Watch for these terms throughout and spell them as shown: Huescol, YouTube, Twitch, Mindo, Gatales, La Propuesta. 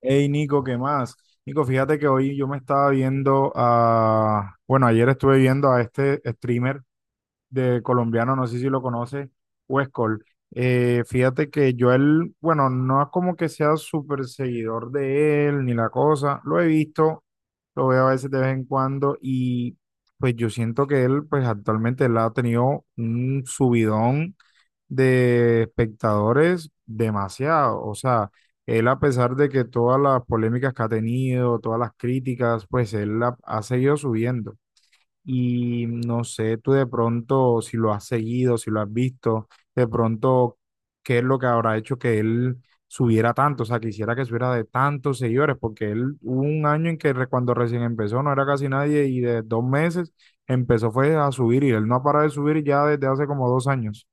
Hey Nico, ¿qué más? Nico, fíjate que hoy yo me estaba viendo a, bueno, ayer estuve viendo a este streamer de colombiano, no sé si lo conoce, Huescol. Fíjate que yo él, bueno, no es como que sea súper seguidor de él ni la cosa, lo he visto, lo veo a veces de vez en cuando y pues yo siento que él, pues actualmente él ha tenido un subidón de espectadores demasiado, o sea, él a pesar de que todas las polémicas que ha tenido, todas las críticas, pues él ha seguido subiendo. Y no sé, tú de pronto, si lo has seguido, si lo has visto, de pronto, ¿qué es lo que habrá hecho que él subiera tanto? O sea, quisiera que subiera de tantos seguidores, porque él hubo un año en que cuando recién empezó no era casi nadie y de dos meses empezó fue a subir y él no ha parado de subir ya desde hace como dos años.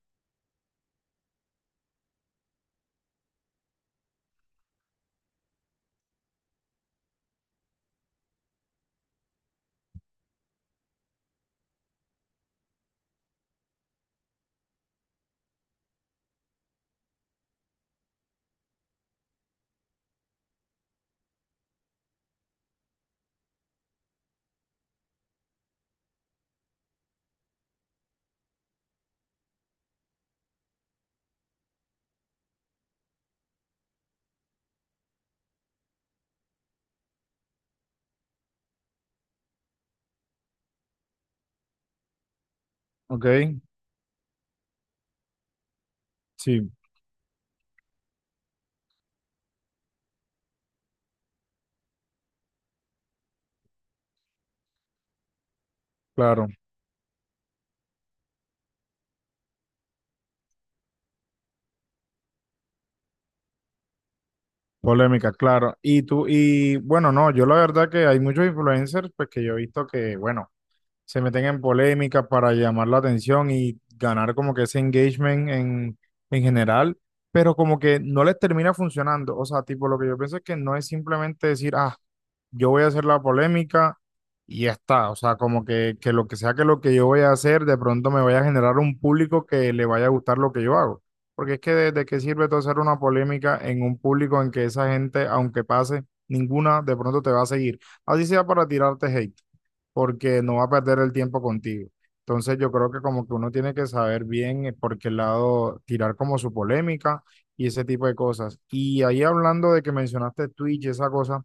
Ok, sí, claro. Polémica, claro. Y tú, y bueno, no, yo la verdad que hay muchos influencers, pues que yo he visto que, bueno, se meten en polémicas para llamar la atención y ganar como que ese engagement en general, pero como que no les termina funcionando. O sea, tipo, lo que yo pienso es que no es simplemente decir, ah, yo voy a hacer la polémica y ya está. O sea, como que lo que sea que lo que yo voy a hacer, de pronto me vaya a generar un público que le vaya a gustar lo que yo hago. Porque es que de qué sirve todo hacer una polémica en un público en que esa gente, aunque pase, ninguna de pronto te va a seguir. Así sea para tirarte hate porque no va a perder el tiempo contigo. Entonces yo creo que como que uno tiene que saber bien por qué lado tirar como su polémica y ese tipo de cosas. Y ahí hablando de que mencionaste Twitch y esa cosa,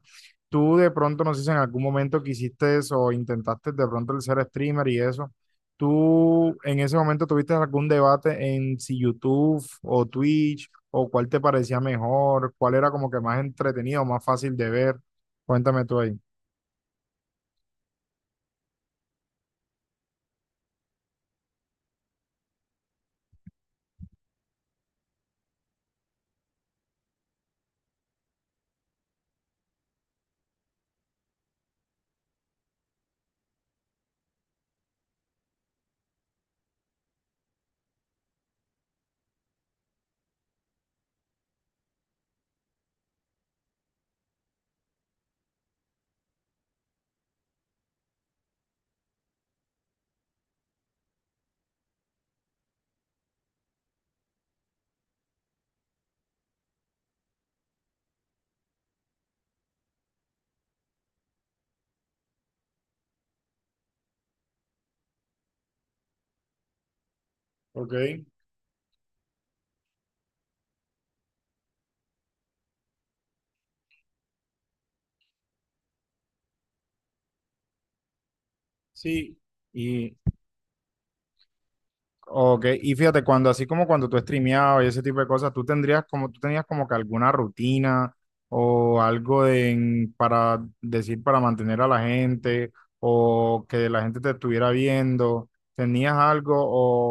tú de pronto, no sé si en algún momento quisiste eso o intentaste de pronto el ser streamer y eso, ¿tú en ese momento tuviste algún debate en si YouTube o Twitch o cuál te parecía mejor, cuál era como que más entretenido, más fácil de ver? Cuéntame tú ahí. Ok, sí. Y Ok, y fíjate, cuando así como cuando tú streameabas y ese tipo de cosas, tú tendrías como, tú tenías como que alguna rutina o para decir, para mantener a la gente o que la gente te estuviera viendo, ¿tenías algo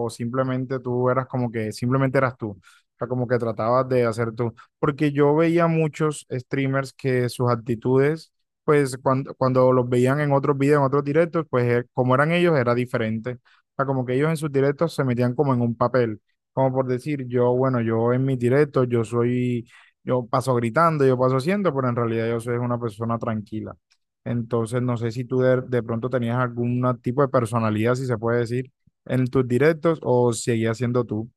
o simplemente tú eras como que, simplemente eras tú? O sea, como que tratabas de hacer tú. Porque yo veía muchos streamers que sus actitudes, pues cuando los veían en otros videos, en otros directos, pues como eran ellos, era diferente, sea, como que ellos en sus directos se metían como en un papel, como por decir, yo, bueno, yo en mis directos, yo soy, yo paso gritando, yo paso haciendo, pero en realidad yo soy una persona tranquila. Entonces, no sé si tú de pronto tenías algún tipo de personalidad, si se puede decir, en tus directos o seguías siendo tú.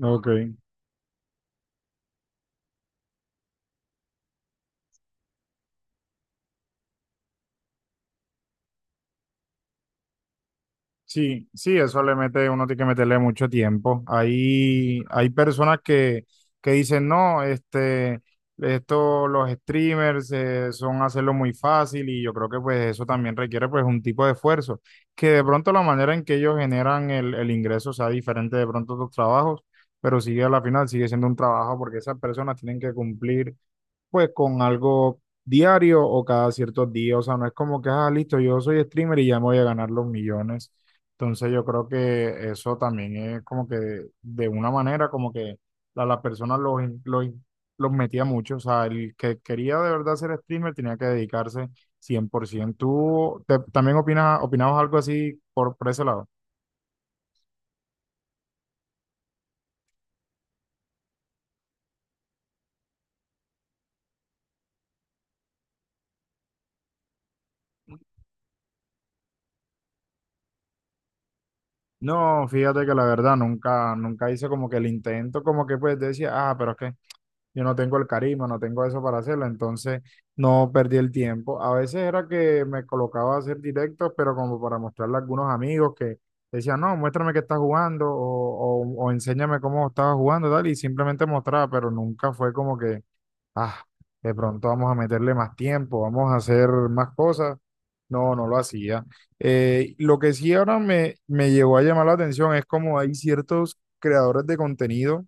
Ok. Sí, sí, eso le mete, uno tiene que meterle mucho tiempo. Hay personas que dicen, no, los streamers son hacerlo muy fácil y yo creo que pues eso también requiere pues un tipo de esfuerzo, que de pronto la manera en que ellos generan el ingreso sea diferente de pronto a tus trabajos, pero sigue a la final, sigue siendo un trabajo porque esas personas tienen que cumplir pues con algo diario o cada ciertos días. O sea, no es como que, ah, listo, yo soy streamer y ya me voy a ganar los millones. Entonces yo creo que eso también es como que de una manera como que a las personas los metía mucho. O sea, el que quería de verdad ser streamer tenía que dedicarse 100%. ¿Tú también opinas, opinabas algo así por ese lado? No, fíjate que la verdad nunca, nunca hice como que el intento, como que pues decía, ah, pero es que yo no tengo el carisma, no tengo eso para hacerlo, entonces no perdí el tiempo. A veces era que me colocaba a hacer directos, pero como para mostrarle a algunos amigos que decían, no, muéstrame que estás jugando o enséñame cómo estabas jugando, tal, y simplemente mostraba, pero nunca fue como que, ah, de pronto vamos a meterle más tiempo, vamos a hacer más cosas. No, no lo hacía. Lo que sí ahora me, me llegó a llamar la atención es como hay ciertos creadores de contenido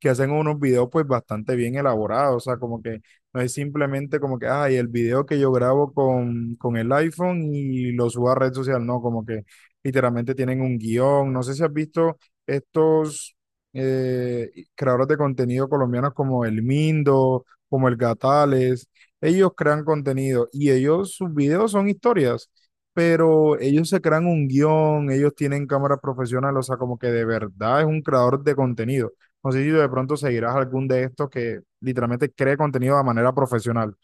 que hacen unos videos pues bastante bien elaborados, o sea, como que no es simplemente como que, ay, el video que yo grabo con el iPhone y lo subo a red social, no, como que literalmente tienen un guión, no sé si has visto estos creadores de contenido colombianos como el Mindo, como el Gatales, ellos crean contenido y ellos, sus videos son historias pero ellos se crean un guión, ellos tienen cámaras profesionales, o sea, como que de verdad es un creador de contenido. No sé si de pronto seguirás algún de estos que literalmente cree contenido de manera profesional.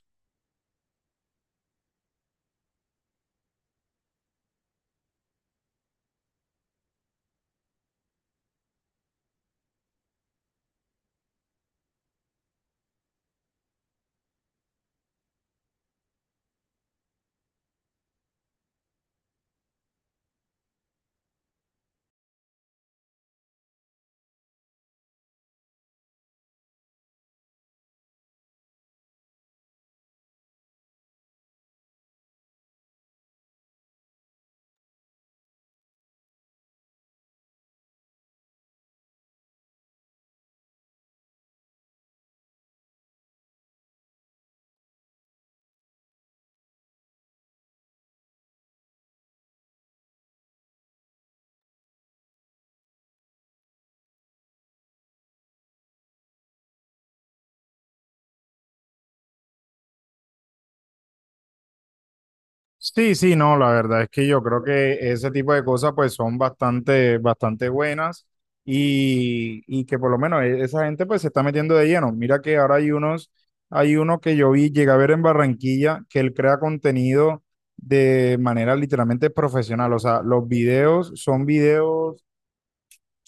Sí, sí, no, la verdad es que yo creo que ese tipo de cosas pues son bastante, bastante buenas y que por lo menos esa gente pues se está metiendo de lleno. Mira que ahora hay unos, hay uno que yo vi, llegué a ver en Barranquilla, que él crea contenido de manera literalmente profesional. O sea, los videos son videos,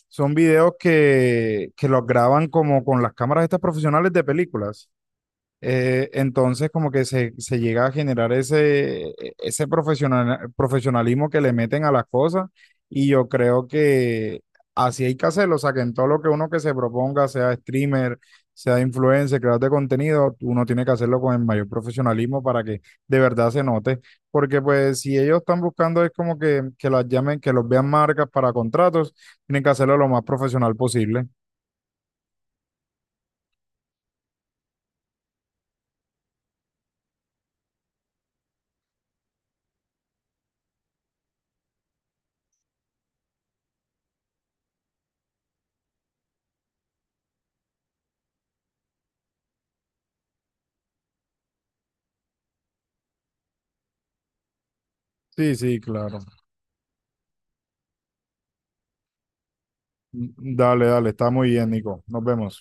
son videos que los graban como con las cámaras estas profesionales de películas. Entonces, como que se llega a generar ese profesionalismo que le meten a las cosas y yo creo que así hay que hacerlo, o sea, que en todo lo que uno que se proponga, sea streamer, sea influencer, creador de contenido, uno tiene que hacerlo con el mayor profesionalismo para que de verdad se note, porque pues si ellos están buscando es como que las llamen, que los vean marcas para contratos, tienen que hacerlo lo más profesional posible. Sí, sí, claro. Mm, dale, dale, está muy bien, Nico. Nos vemos.